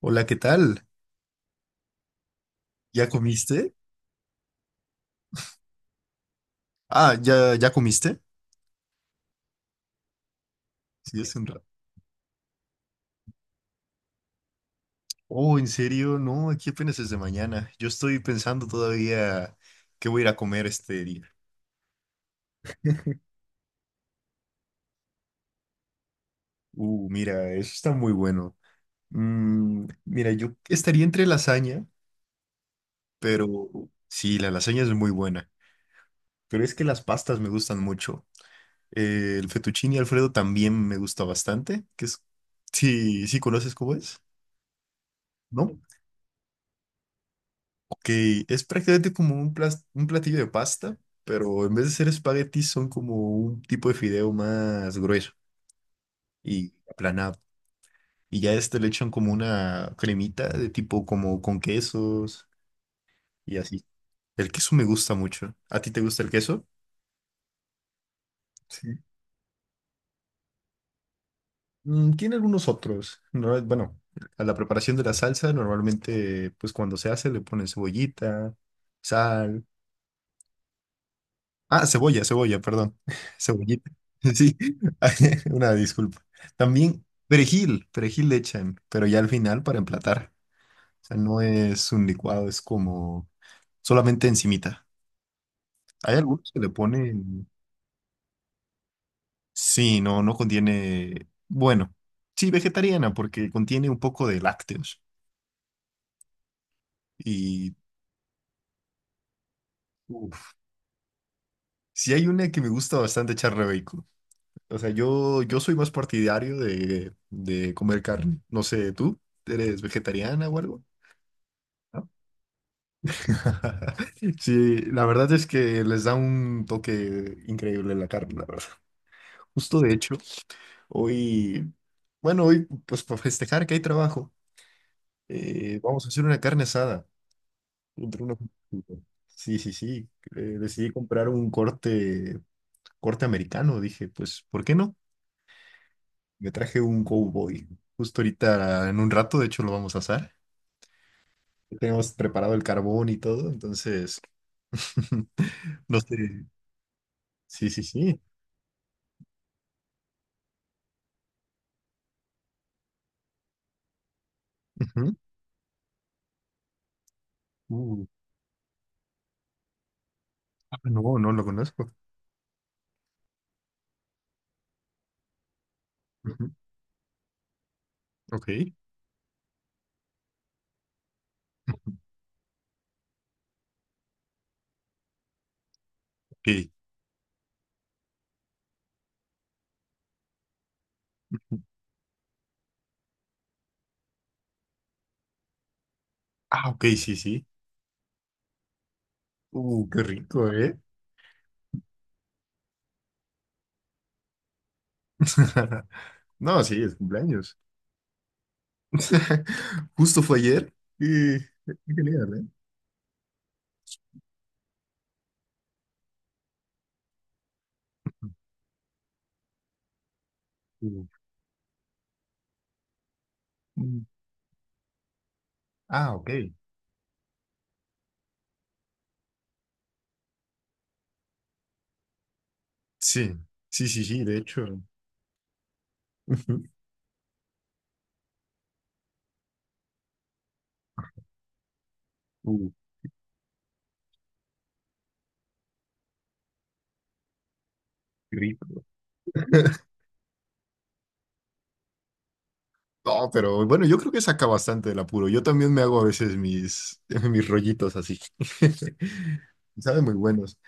Hola, ¿qué tal? ¿Ya comiste? Ah, ¿ya, ya comiste? Sí, es un ra- oh, ¿en serio? No, aquí apenas es de mañana. Yo estoy pensando todavía qué voy a ir a comer este día. Mira, eso está muy bueno. Mira, yo estaría entre lasaña, pero sí, la lasaña es muy buena. Pero es que las pastas me gustan mucho. El fettuccine Alfredo también me gusta bastante, que es... Sí, sí conoces cómo es, ¿no? Ok, es prácticamente como un, plas- un platillo de pasta, pero en vez de ser espaguetis son como un tipo de fideo más grueso y aplanado. Y ya a este le echan como una cremita de tipo como con quesos y así. El queso me gusta mucho. ¿A ti te gusta el queso? Sí. Mm, tiene algunos otros. No, bueno, a la preparación de la salsa normalmente pues cuando se hace le ponen cebollita, sal. Ah, cebolla, perdón. Cebollita. Sí, una disculpa. También perejil le echan, pero ya al final para emplatar. O sea, no es un licuado, es como solamente encimita. Hay algunos que le ponen... Sí, no, no contiene... Bueno, sí, vegetariana, porque contiene un poco de lácteos. Y uf, sí hay una que me gusta bastante echarle bacon. O sea, yo soy más partidario de comer carne. No sé, ¿tú eres vegetariana o algo? ¿No? Sí, la verdad es que les da un toque increíble la carne, la verdad. Justo de hecho, hoy, bueno, hoy pues para festejar que hay trabajo, vamos a hacer una carne asada entre unos- sí, sí, sí. Decidí comprar un corte, corte americano. Dije, pues, ¿por qué no? Me traje un cowboy. Justo ahorita, en un rato, de hecho, lo vamos a asar. Ya tenemos preparado el carbón y todo, entonces, no sé. Sí, sí, sí. Ujú. Uh, no, no lo conozco. Ujú. Ok. Ujú. Ok. Ah, ok, sí, sí. Qué rico, ¿eh? No, sí, es cumpleaños. Justo fue ayer. Y... qué genial, ¿eh? Uh, mm. Ah, ok. Sí, sí, sí, sí, de hecho. Ujú. Uh, qué rico. No, pero bueno, yo creo que saca bastante del apuro. Yo también me hago a veces mis, mis rollitos así. Saben muy buenos.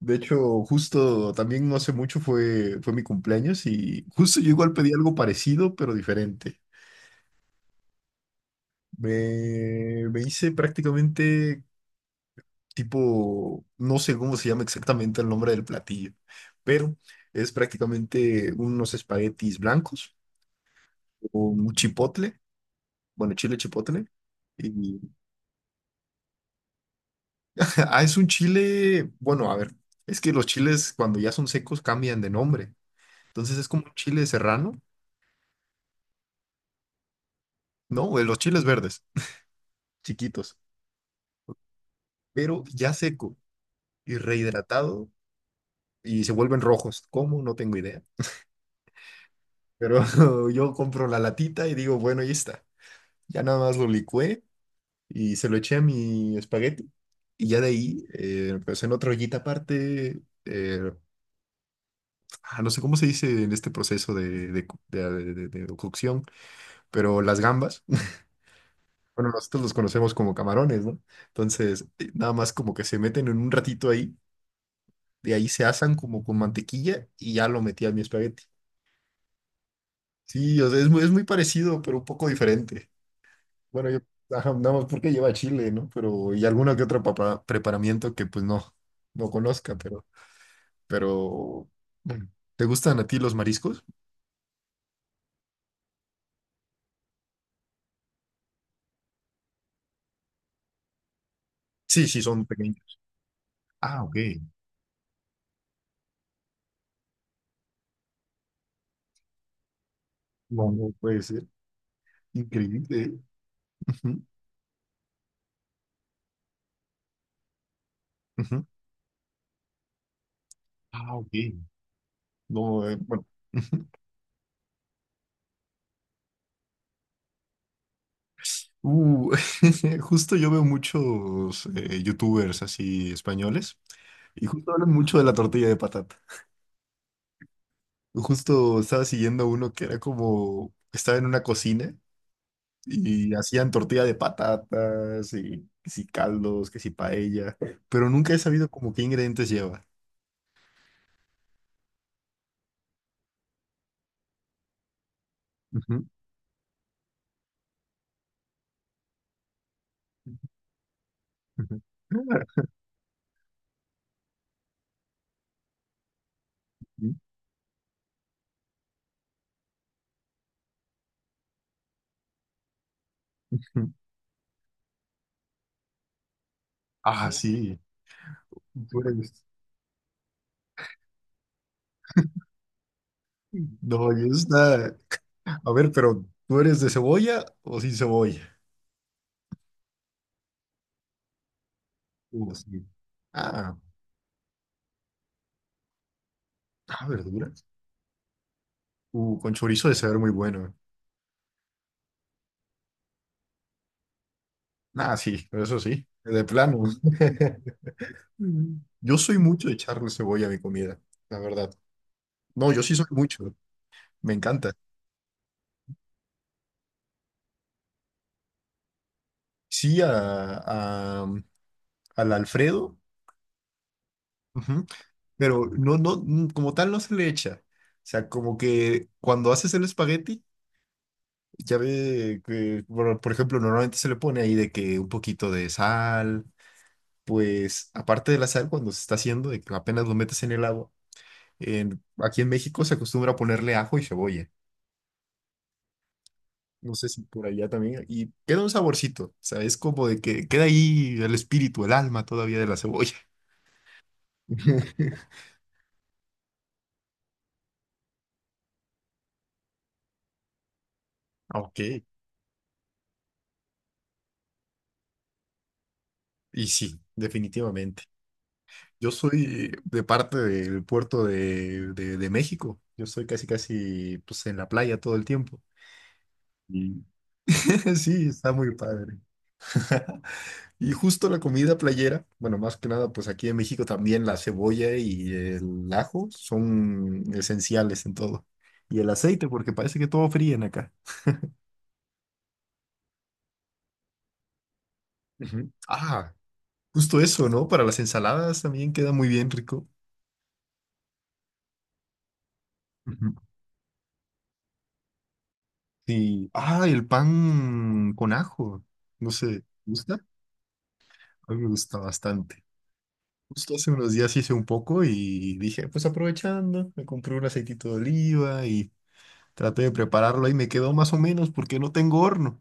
De hecho, justo también no hace mucho fue mi cumpleaños y justo yo igual pedí algo parecido, pero diferente. Me hice prácticamente tipo, no sé cómo se llama exactamente el nombre del platillo, pero es prácticamente unos espaguetis blancos con un chipotle, bueno, chile chipotle y ah, es un chile, bueno, a ver, es que los chiles cuando ya son secos cambian de nombre. Entonces es como un chile serrano, ¿no? De los chiles verdes, chiquitos, pero ya seco y rehidratado y se vuelven rojos. ¿Cómo? No tengo idea. Pero yo compro la latita y digo, bueno, ahí está. Ya nada más lo licué y se lo eché a mi espagueti. Y ya de ahí, pues en otra ollita aparte, no sé cómo se dice en este proceso cu- de de cocción, pero las gambas. Bueno, nosotros los conocemos como camarones, ¿no? Entonces, nada más como que se meten en un ratito ahí, de ahí se asan como con mantequilla y ya lo metí a mi espagueti. Sí, o sea, es muy parecido, pero un poco diferente. Bueno, yo, ajá, nada más porque lleva chile, ¿no? Pero, y alguna que otra papa- preparamiento que pues no, no conozca, pero, bueno, ¿te gustan a ti los mariscos? Sí, sí, son pequeños. Ah, ok. No, no puede ser. Increíble. Ujú, ujú. Ah, ok. No, bueno. Uh, justo yo veo muchos youtubers así españoles y justo hablan mucho de la tortilla de patata. Justo estaba siguiendo uno que era como, estaba en una cocina y hacían tortilla de patatas y que si caldos, que si paella, pero nunca he sabido como qué ingredientes lleva. Ujú, ujú. Ah, sí. Tú eres- no, yo está... A ver, pero ¿tú eres de cebolla o sin cebolla? Sí. Ah, ah, verduras. Con chorizo de saber muy bueno. Ah, sí, eso sí, de plano. Mm. Yo soy mucho de echarle cebolla a mi comida, la verdad. No, yo sí soy mucho, me encanta. Sí, a- al Alfredo, ujú, pero no, no, mm, como tal no se le echa. O sea, como que cuando haces el espagueti, ya ve que, por ejemplo, normalmente se le pone ahí de que un poquito de sal, pues aparte del sal, cuando se está haciendo, de que apenas lo metes en el agua, en- aquí en México se acostumbra a ponerle ajo y cebolla. No sé si por allá también. Y queda un saborcito, ¿sabes? Como de que queda ahí el espíritu, el alma todavía de la cebolla. Ok, y sí, definitivamente. Yo soy de parte del puerto de México. Yo soy casi, casi, pues en la playa todo el tiempo. Y sí, está muy padre. Y justo la comida playera, bueno, más que nada, pues aquí en México también la cebolla y el ajo son esenciales en todo. Y el aceite, porque parece que todo fríen acá. Ujú. Ah, justo eso, ¿no? Para las ensaladas también queda muy bien rico. Ujú. Sí. Ah, el pan con ajo. No sé, ¿te gusta? A mí me gusta bastante. Justo hace unos días hice un poco y dije, pues aprovechando, me compré un aceitito de oliva y traté de prepararlo y me quedó más o menos porque no tengo horno.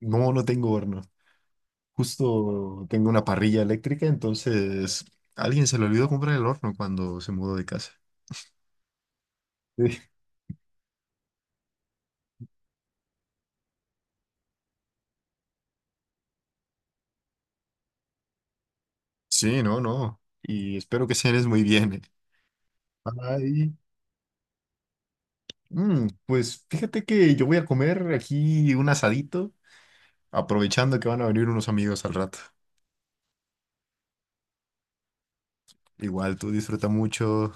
No, no tengo horno. Justo tengo una parrilla eléctrica, entonces a alguien se le olvidó comprar el horno cuando se mudó de casa. Sí, sí, no, no. Y espero que cenes muy bien. Ay, pues fíjate que yo voy a comer aquí un asadito, aprovechando que van a venir unos amigos al rato. Igual, tú disfruta mucho.